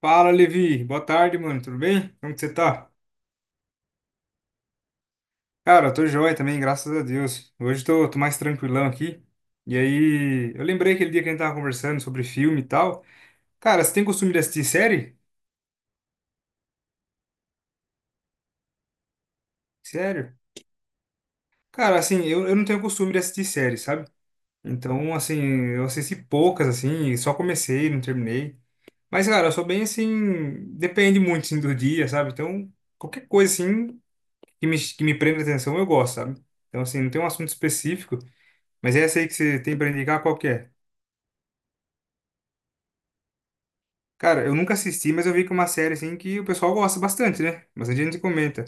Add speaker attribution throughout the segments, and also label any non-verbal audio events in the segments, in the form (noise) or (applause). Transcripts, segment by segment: Speaker 1: Fala, Levi. Boa tarde, mano. Tudo bem? Como que você tá? Cara, eu tô joia também, graças a Deus. Hoje tô mais tranquilão aqui. E aí, eu lembrei aquele dia que a gente tava conversando sobre filme e tal. Cara, você tem costume de assistir série? Sério? Cara, assim, eu não tenho costume de assistir série, sabe? Então, assim, eu assisti poucas, assim, e só comecei, não terminei. Mas, cara, eu sou bem assim, depende muito, assim, do dia, sabe? Então, qualquer coisa, assim, que me prenda atenção, eu gosto, sabe? Então, assim, não tem um assunto específico. Mas essa aí que você tem pra indicar, qual que é? Cara, eu nunca assisti, mas eu vi que é uma série assim que o pessoal gosta bastante, né? Bastante gente comenta.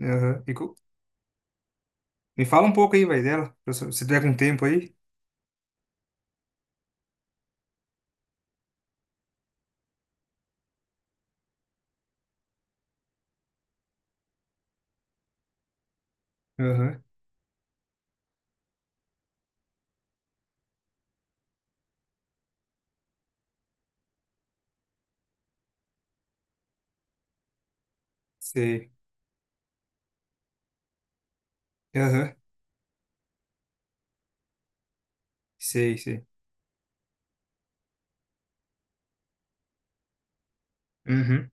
Speaker 1: Aham. Me fala um pouco aí, vai, dela. Pra Se se tiver com tempo aí. Aham. Sei. Aham. Sei, sei. Uhum.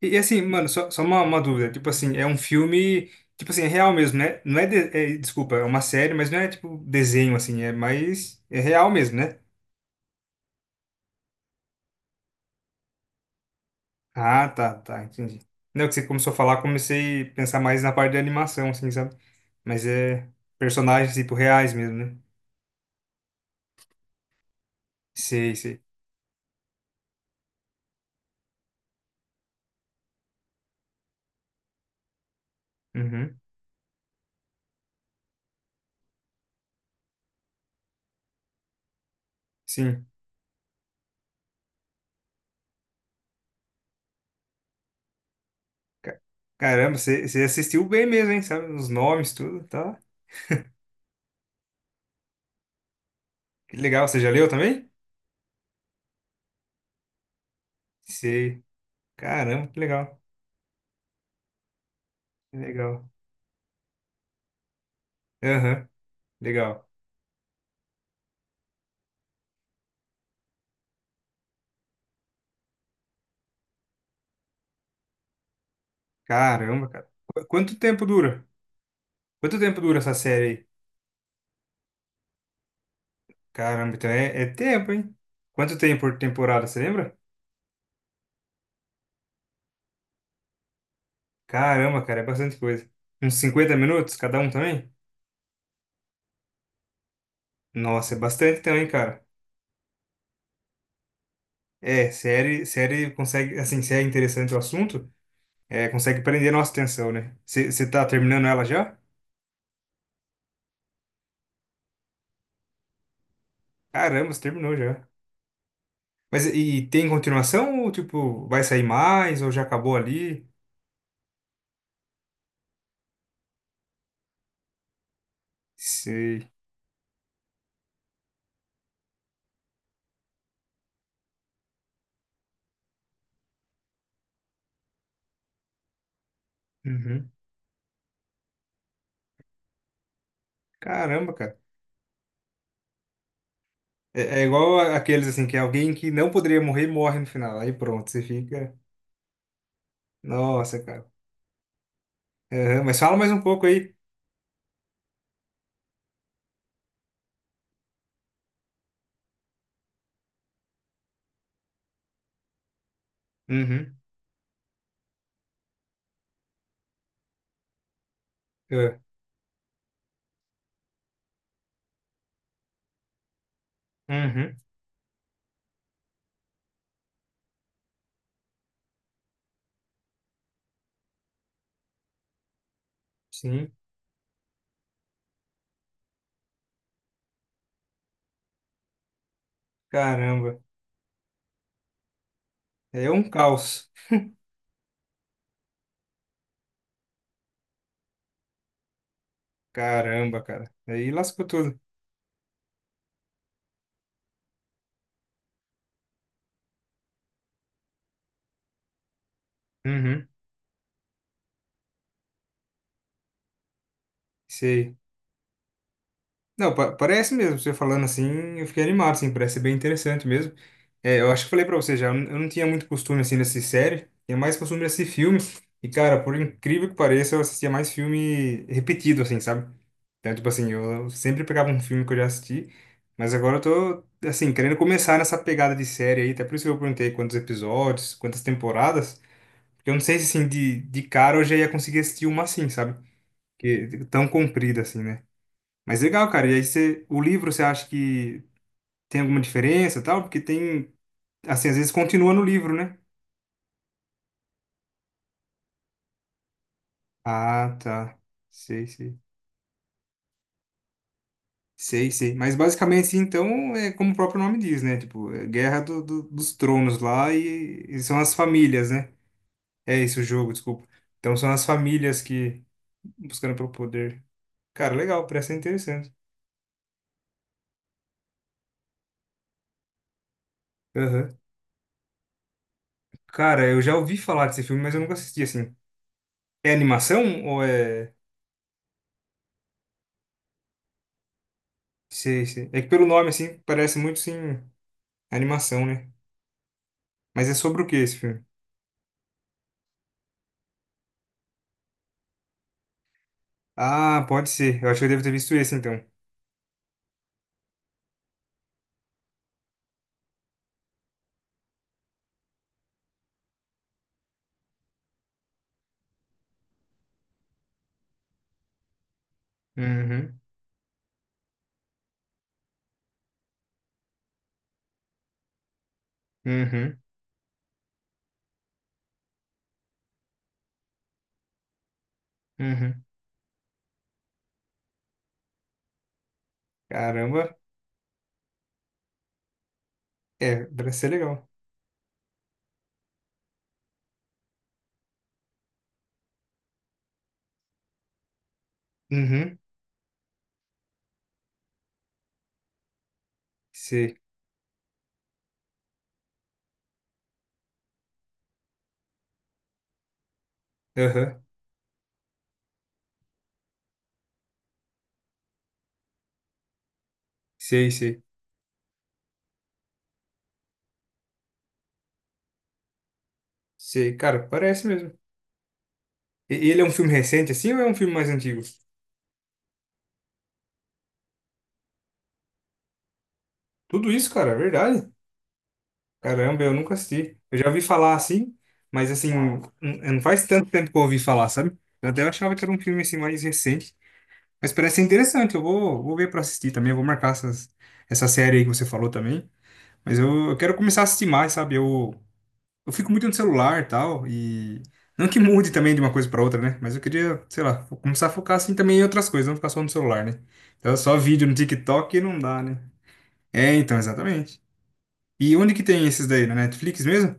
Speaker 1: E assim, mano, só uma, dúvida. Tipo assim, é um filme. Tipo assim, é real mesmo, né? Não é, é. Desculpa, é uma série, mas não é tipo desenho, assim. É mais. É real mesmo, né? Ah, tá, tá, entendi. Não, que você começou a falar, comecei a pensar mais na parte de animação, assim, sabe? Mas é personagens, tipo, reais mesmo, né? Sei, sei. Uhum, sim. Ca- Caramba, você assistiu bem mesmo, hein? Sabe? Os nomes, tudo, tá? Que legal. Você já leu também? Sei. Caramba, que legal. Que legal. Aham, legal. Caramba, cara. Quanto tempo dura? Quanto tempo dura essa série aí? Caramba, então é tempo, hein? Quanto tempo por temporada, você lembra? Caramba, cara, é bastante coisa. Uns 50 minutos cada um também? Nossa, é bastante também, cara. É, série consegue, assim, se é interessante o assunto, é, consegue prender nossa atenção, né? Você tá terminando ela já? Caramba, você terminou já. Mas e tem continuação ou, tipo, vai sair mais ou já acabou ali? Sei. Uhum. Caramba, cara. É, é igual aqueles, assim, que alguém que não poderia morrer, morre no final. Aí pronto, você fica... Nossa, cara. Aham, mas fala mais um pouco aí. Uhum. Ah. Uhum. Sim, caramba. É um caos. Caramba, cara. Aí lascou tudo. Uhum, sei. Não, parece mesmo, você falando assim, eu fiquei animado, assim, parece ser bem interessante mesmo. É, eu acho que falei pra você já, eu eu não tinha muito costume, assim, dessa série, tinha mais costume desse filme. E, cara, por incrível que pareça, eu assistia mais filme repetido, assim, sabe? Então, tipo assim, eu sempre pegava um filme que eu já assisti, mas agora eu tô, assim, querendo começar nessa pegada de série aí, até por isso que eu perguntei quantos episódios, quantas temporadas. Porque eu não sei se, assim, de cara eu já ia conseguir assistir uma assim, sabe? Que, tão comprida, assim, né? Mas legal, cara. E aí você, o livro, você acha que tem alguma diferença e tal? Porque tem, assim, às vezes continua no livro, né? Ah, tá. Sei, sei. Sei, sei. Mas basicamente, assim, então, é como o próprio nome diz, né? Tipo, é Guerra dos Tronos lá e são as famílias, né? É isso, o jogo, desculpa. Então são as famílias que buscando pelo poder. Cara, legal, parece ser interessante. Aham. Cara, eu já ouvi falar desse filme, mas eu nunca assisti, assim. É animação ou é... Sei, sei. É que pelo nome, assim, parece muito, sim, animação, né? Mas é sobre o que esse filme? Ah, pode ser. Eu acho que eu devo ter visto esse, então. Uhum, uhum, uhum. Caramba. É, parece ser legal. Uhum, sei. Aham, sei, sei. Sei, cara, parece mesmo. E ele é um filme recente, assim, ou é um filme mais antigo? Tudo isso, cara, é verdade. Caramba, eu nunca assisti. Eu já ouvi falar assim, mas assim, não faz tanto tempo que eu ouvi falar, sabe? Eu até achava que era um filme assim mais recente. Mas parece ser interessante, eu vou, vou ver pra assistir também, eu vou marcar essas, essa série aí que você falou também. Mas eu quero começar a assistir mais, sabe? Eu fico muito no celular e tal, e não que mude também de uma coisa pra outra, né? Mas eu queria, sei lá, começar a focar assim também em outras coisas, não ficar só no celular, né? Então só vídeo no TikTok não dá, né? É, então, exatamente. E onde que tem esses daí? Na Netflix mesmo?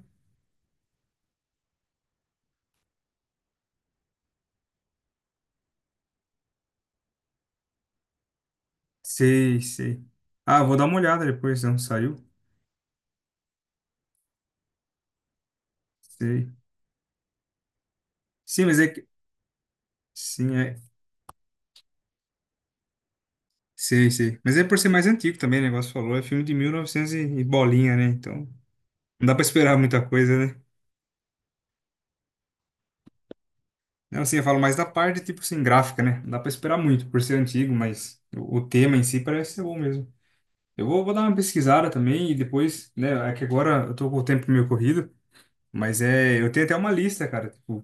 Speaker 1: Sei, sei. Ah, vou dar uma olhada depois, não saiu? Sei. Sim, mas é que... Sim, é... Sei, sei. Mas é por ser mais antigo também, o negócio falou. É filme de 1900 e novecentos e bolinha, né? Então, não dá pra esperar muita coisa, né? Não, assim, eu falo mais da parte, tipo assim, gráfica, né? Não dá pra esperar muito por ser antigo, mas o tema em si parece ser bom mesmo. Eu vou, vou dar uma pesquisada também e depois, né? É que agora eu tô com o tempo meio corrido, mas é... Eu tenho até uma lista, cara. Tipo,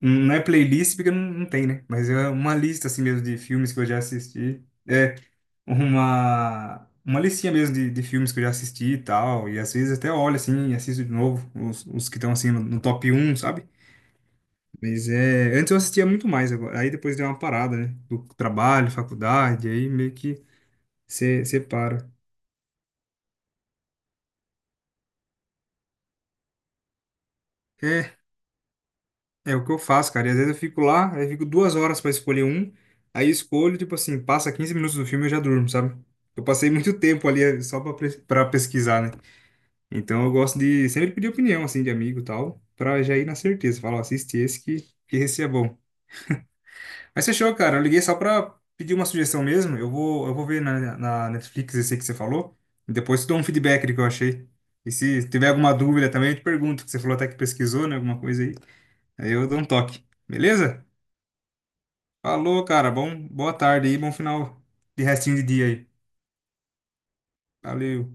Speaker 1: Não é playlist porque não tem, né? Mas é uma lista assim mesmo de filmes que eu já assisti. É uma, listinha mesmo de filmes que eu já assisti e tal. E às vezes até olho assim e assisto de novo os, que estão assim no top um, sabe? Mas é, antes eu assistia muito mais, agora. Aí depois deu uma parada, né? Do trabalho, faculdade, aí meio que você para. É o que eu faço, cara. E às vezes eu fico lá, aí eu fico 2 horas pra escolher um, aí eu escolho, tipo assim, passa 15 minutos do filme e eu já durmo, sabe? Eu passei (laughs) muito tempo ali só pra pra pesquisar, né? Então eu gosto de sempre pedir opinião, assim, de amigo e tal, pra já ir na certeza. Falar, ó, assiste esse que esse é bom. Mas fechou, cara. Eu liguei só pra pedir uma sugestão mesmo. Eu vou ver na, Netflix esse que você falou, e depois te dou um feedback do que eu achei. E se tiver alguma dúvida também, eu te pergunto, que você falou até que pesquisou, né? Alguma coisa aí. Aí eu dou um toque. Beleza? Falou, cara. Bom, boa tarde aí, bom final de restinho de dia aí. Valeu.